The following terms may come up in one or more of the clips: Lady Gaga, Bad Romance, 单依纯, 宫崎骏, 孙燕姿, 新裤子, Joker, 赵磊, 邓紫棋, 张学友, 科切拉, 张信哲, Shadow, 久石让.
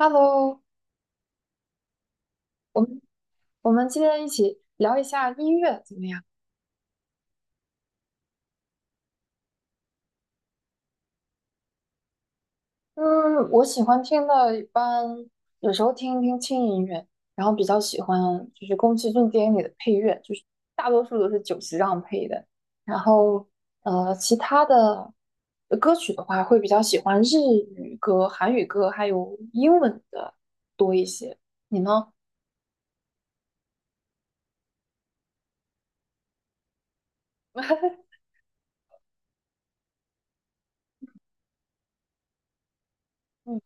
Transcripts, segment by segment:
Hello，我们我们今天一起聊一下音乐怎么样？嗯，我喜欢听的，一般有时候听一听轻音乐，然后比较喜欢就是宫崎骏电影里的配乐，就是大多数都是久石让配的。然后其他的歌曲的话，会比较喜欢日语歌、韩语歌，还有英文的多一些。你呢？嗯，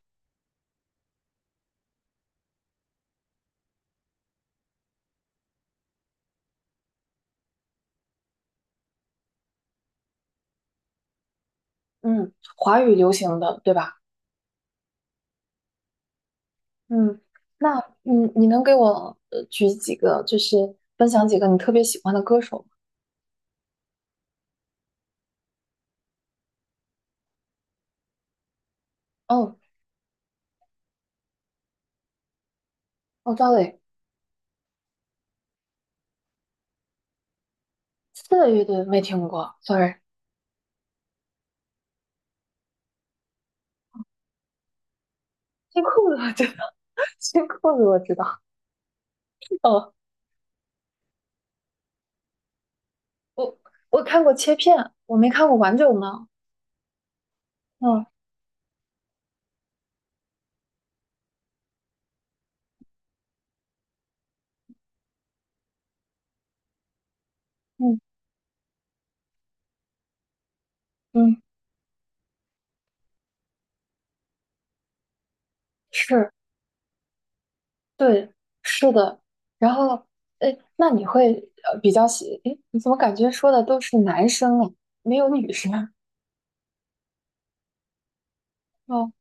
嗯，华语流行的，对吧？嗯，那嗯，你能给我举几个，就是分享几个你特别喜欢的歌手吗？哦，哦，赵磊，刺个乐队没听过，sorry。新裤子我知道，新裤子我知道。哦，我我看过切片，我没看过完整的。嗯嗯嗯，是，对，是的。然后，哎，那你会比较喜？哎，你怎么感觉说的都是男生啊，没有女生啊？哦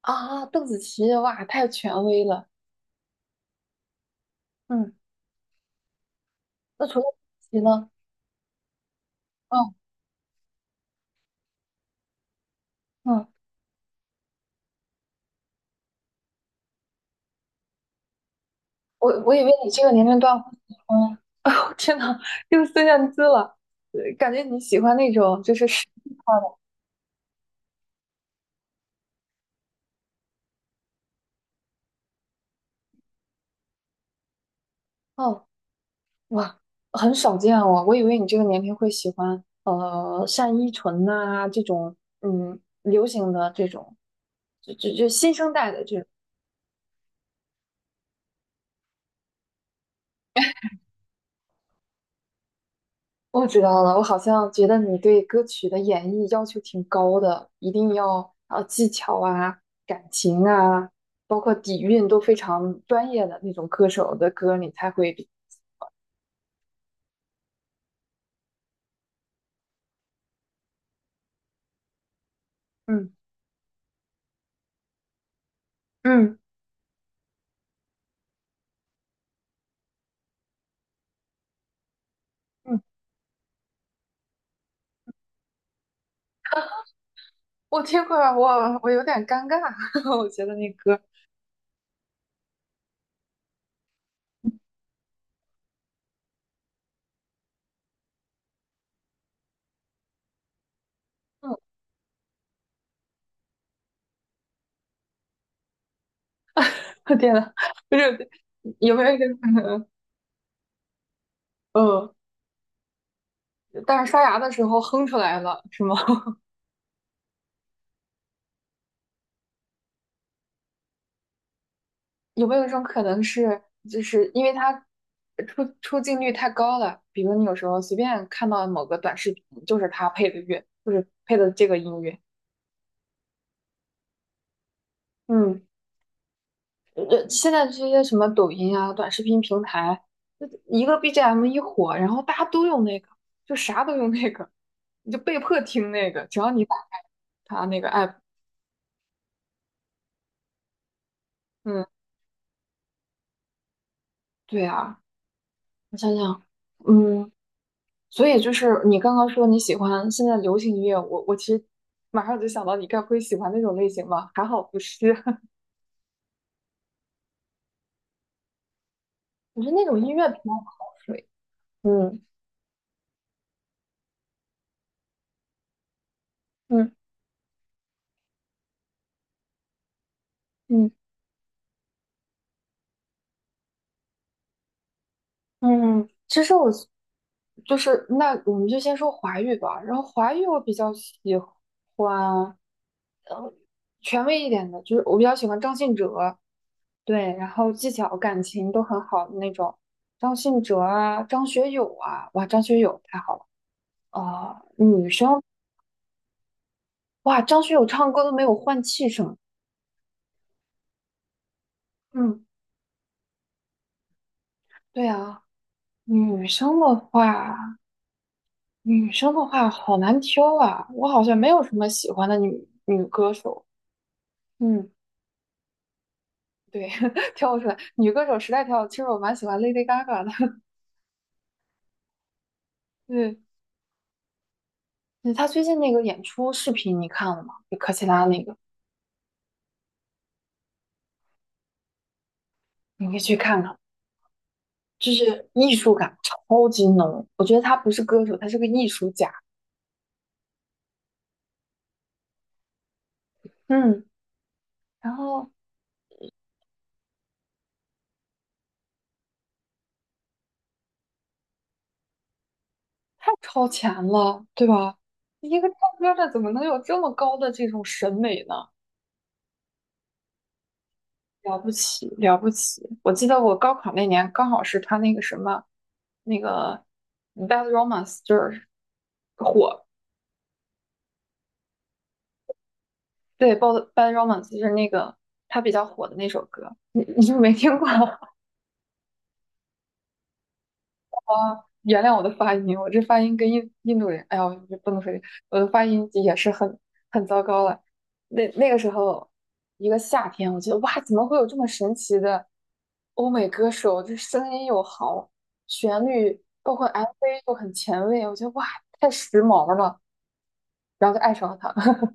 啊，邓紫棋，哇，太权威了。嗯。那除了骑呢？嗯嗯，我以为你这个年龄段会喜欢，天呐，又孙燕姿了，感觉你喜欢那种就是实力派的。哦，哇，很少见哦，我以为你这个年龄会喜欢单依纯呐、这种流行的这种，就新生代的这种。我知道了，我好像觉得你对歌曲的演绎要求挺高的，一定要技巧啊、感情啊，包括底蕴都非常专业的那种歌手的歌，你才会比嗯嗯嗯，我听过，我有点尴尬，我觉得那歌，嗯，我天呐，不是有没有一个，嗯，但是刷牙的时候哼出来了，是吗？有没有一种可能是，就是因为它出镜率太高了，比如你有时候随便看到某个短视频，就是它配的乐，就是配的这个音乐。嗯，现在这些什么抖音啊、短视频平台，就一个 BGM 一火，然后大家都用那个，就啥都用那个，你就被迫听那个，只要你打开它那个 app。嗯，对啊，我想想，嗯。所以就是你刚刚说你喜欢现在流行音乐，我其实马上就想到你该不会喜欢那种类型吧？还好不是，我觉得那种音乐比较好睡。嗯嗯嗯嗯，其实我就是那我们就先说华语吧，然后华语我比较喜欢，呃，权威一点的，就是我比较喜欢张信哲，对，然后技巧感情都很好的那种，张信哲啊，张学友啊，哇，张学友太好了。啊、女生哇，张学友唱歌都没有换气声。嗯，对啊，女生的话，女生的话好难挑啊。我好像没有什么喜欢的女歌手。嗯，对，挑不出来。女歌手实在挑不出来，其实我蛮喜欢 Lady Gaga 的。对，嗯她最近那个演出视频你看了吗？就科切拉那个，你可以去看看，就是艺术感超级浓。我觉得她不是歌手，她是个艺术家。嗯，然后太超前了，对吧？一个唱歌的怎么能有这么高的这种审美呢？了不起，了不起！我记得我高考那年，刚好是他那个什么，那个Bad Romance 就是火，对，Bad Romance 就是那个他比较火的那首歌，你是不是没听过？原谅我的发音，我这发音跟印度人，哎呀，我这不能说这我的发音也是很糟糕了。那那个时候，一个夏天，我觉得哇，怎么会有这么神奇的欧美歌手？这声音又好，旋律包括 MV 又很前卫，我觉得哇，太时髦了，然后就爱上了他。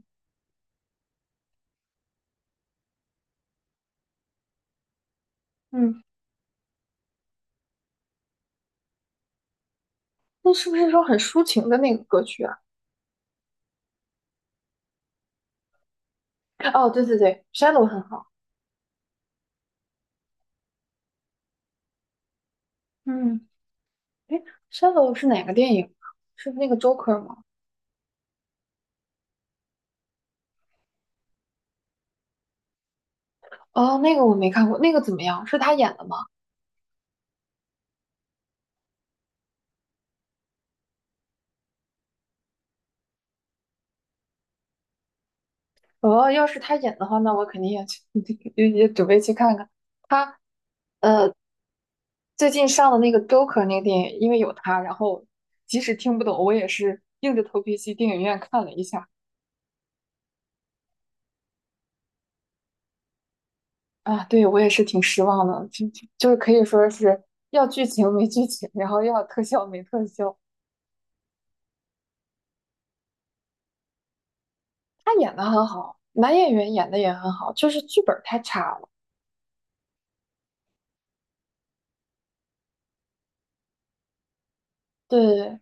嗯，那是不是说很抒情的那个歌曲啊？哦，对对对，《Shadow》很好。嗯，哎 Shadow》是哪个电影啊？是那个 Joker 吗？哦，那个我没看过，那个怎么样？是他演的吗？哦，要是他演的话，那我肯定也去，也准备去看看。他呃，最近上的那个《Joker》那个电影，因为有他，然后即使听不懂，我也是硬着头皮去电影院看了一下。啊，对，我也是挺失望的，就就就是可以说是要剧情没剧情，然后要特效没特效。他演的很好，男演员演的也很好，就是剧本太差了。对，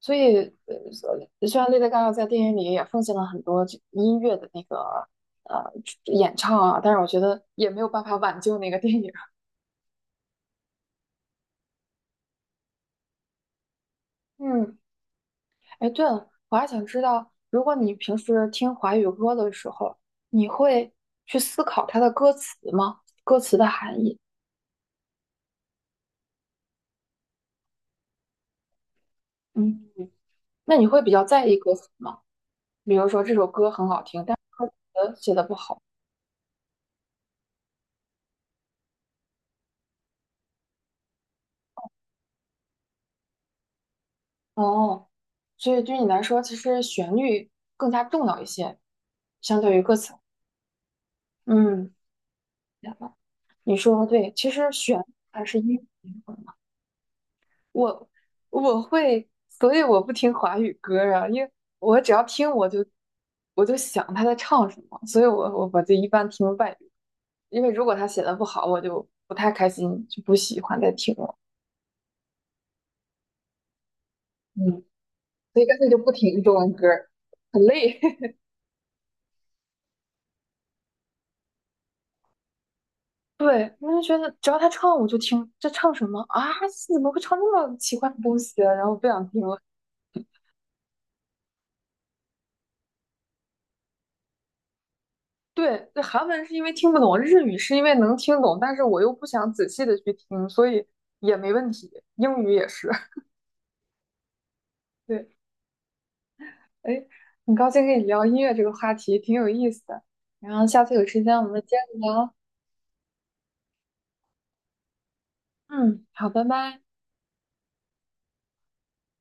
所以，呃，虽然 Lady Gaga 在电影里也奉献了很多这音乐的那个呃演唱啊，但是我觉得也没有办法挽救那个电影。嗯，哎，对了，我还想知道，如果你平时听华语歌的时候，你会去思考它的歌词吗？歌词的含义？嗯，那你会比较在意歌词吗？比如说这首歌很好听，但是歌词写的不好。哦，所以对你来说，其实旋律更加重要一些，相对于歌词。嗯，明白你说的对，其实旋律还是音乐的灵魂嘛。我我会，所以我不听华语歌啊，因为我只要听我就想他在唱什么，所以我就一般听外语，因为如果他写的不好，我就不太开心，就不喜欢再听了。嗯，所以干脆就不听中文歌儿很累。对，我就觉得只要他唱我就听，这唱什么啊？怎么会唱这么奇怪的东西啊然后不想听了。对，对，韩文是因为听不懂，日语是因为能听懂，但是我又不想仔细的去听，所以也没问题。英语也是，对，哎，很高兴跟你聊音乐这个话题，挺有意思的。然后下次有时间我们接着聊。嗯，好，拜拜。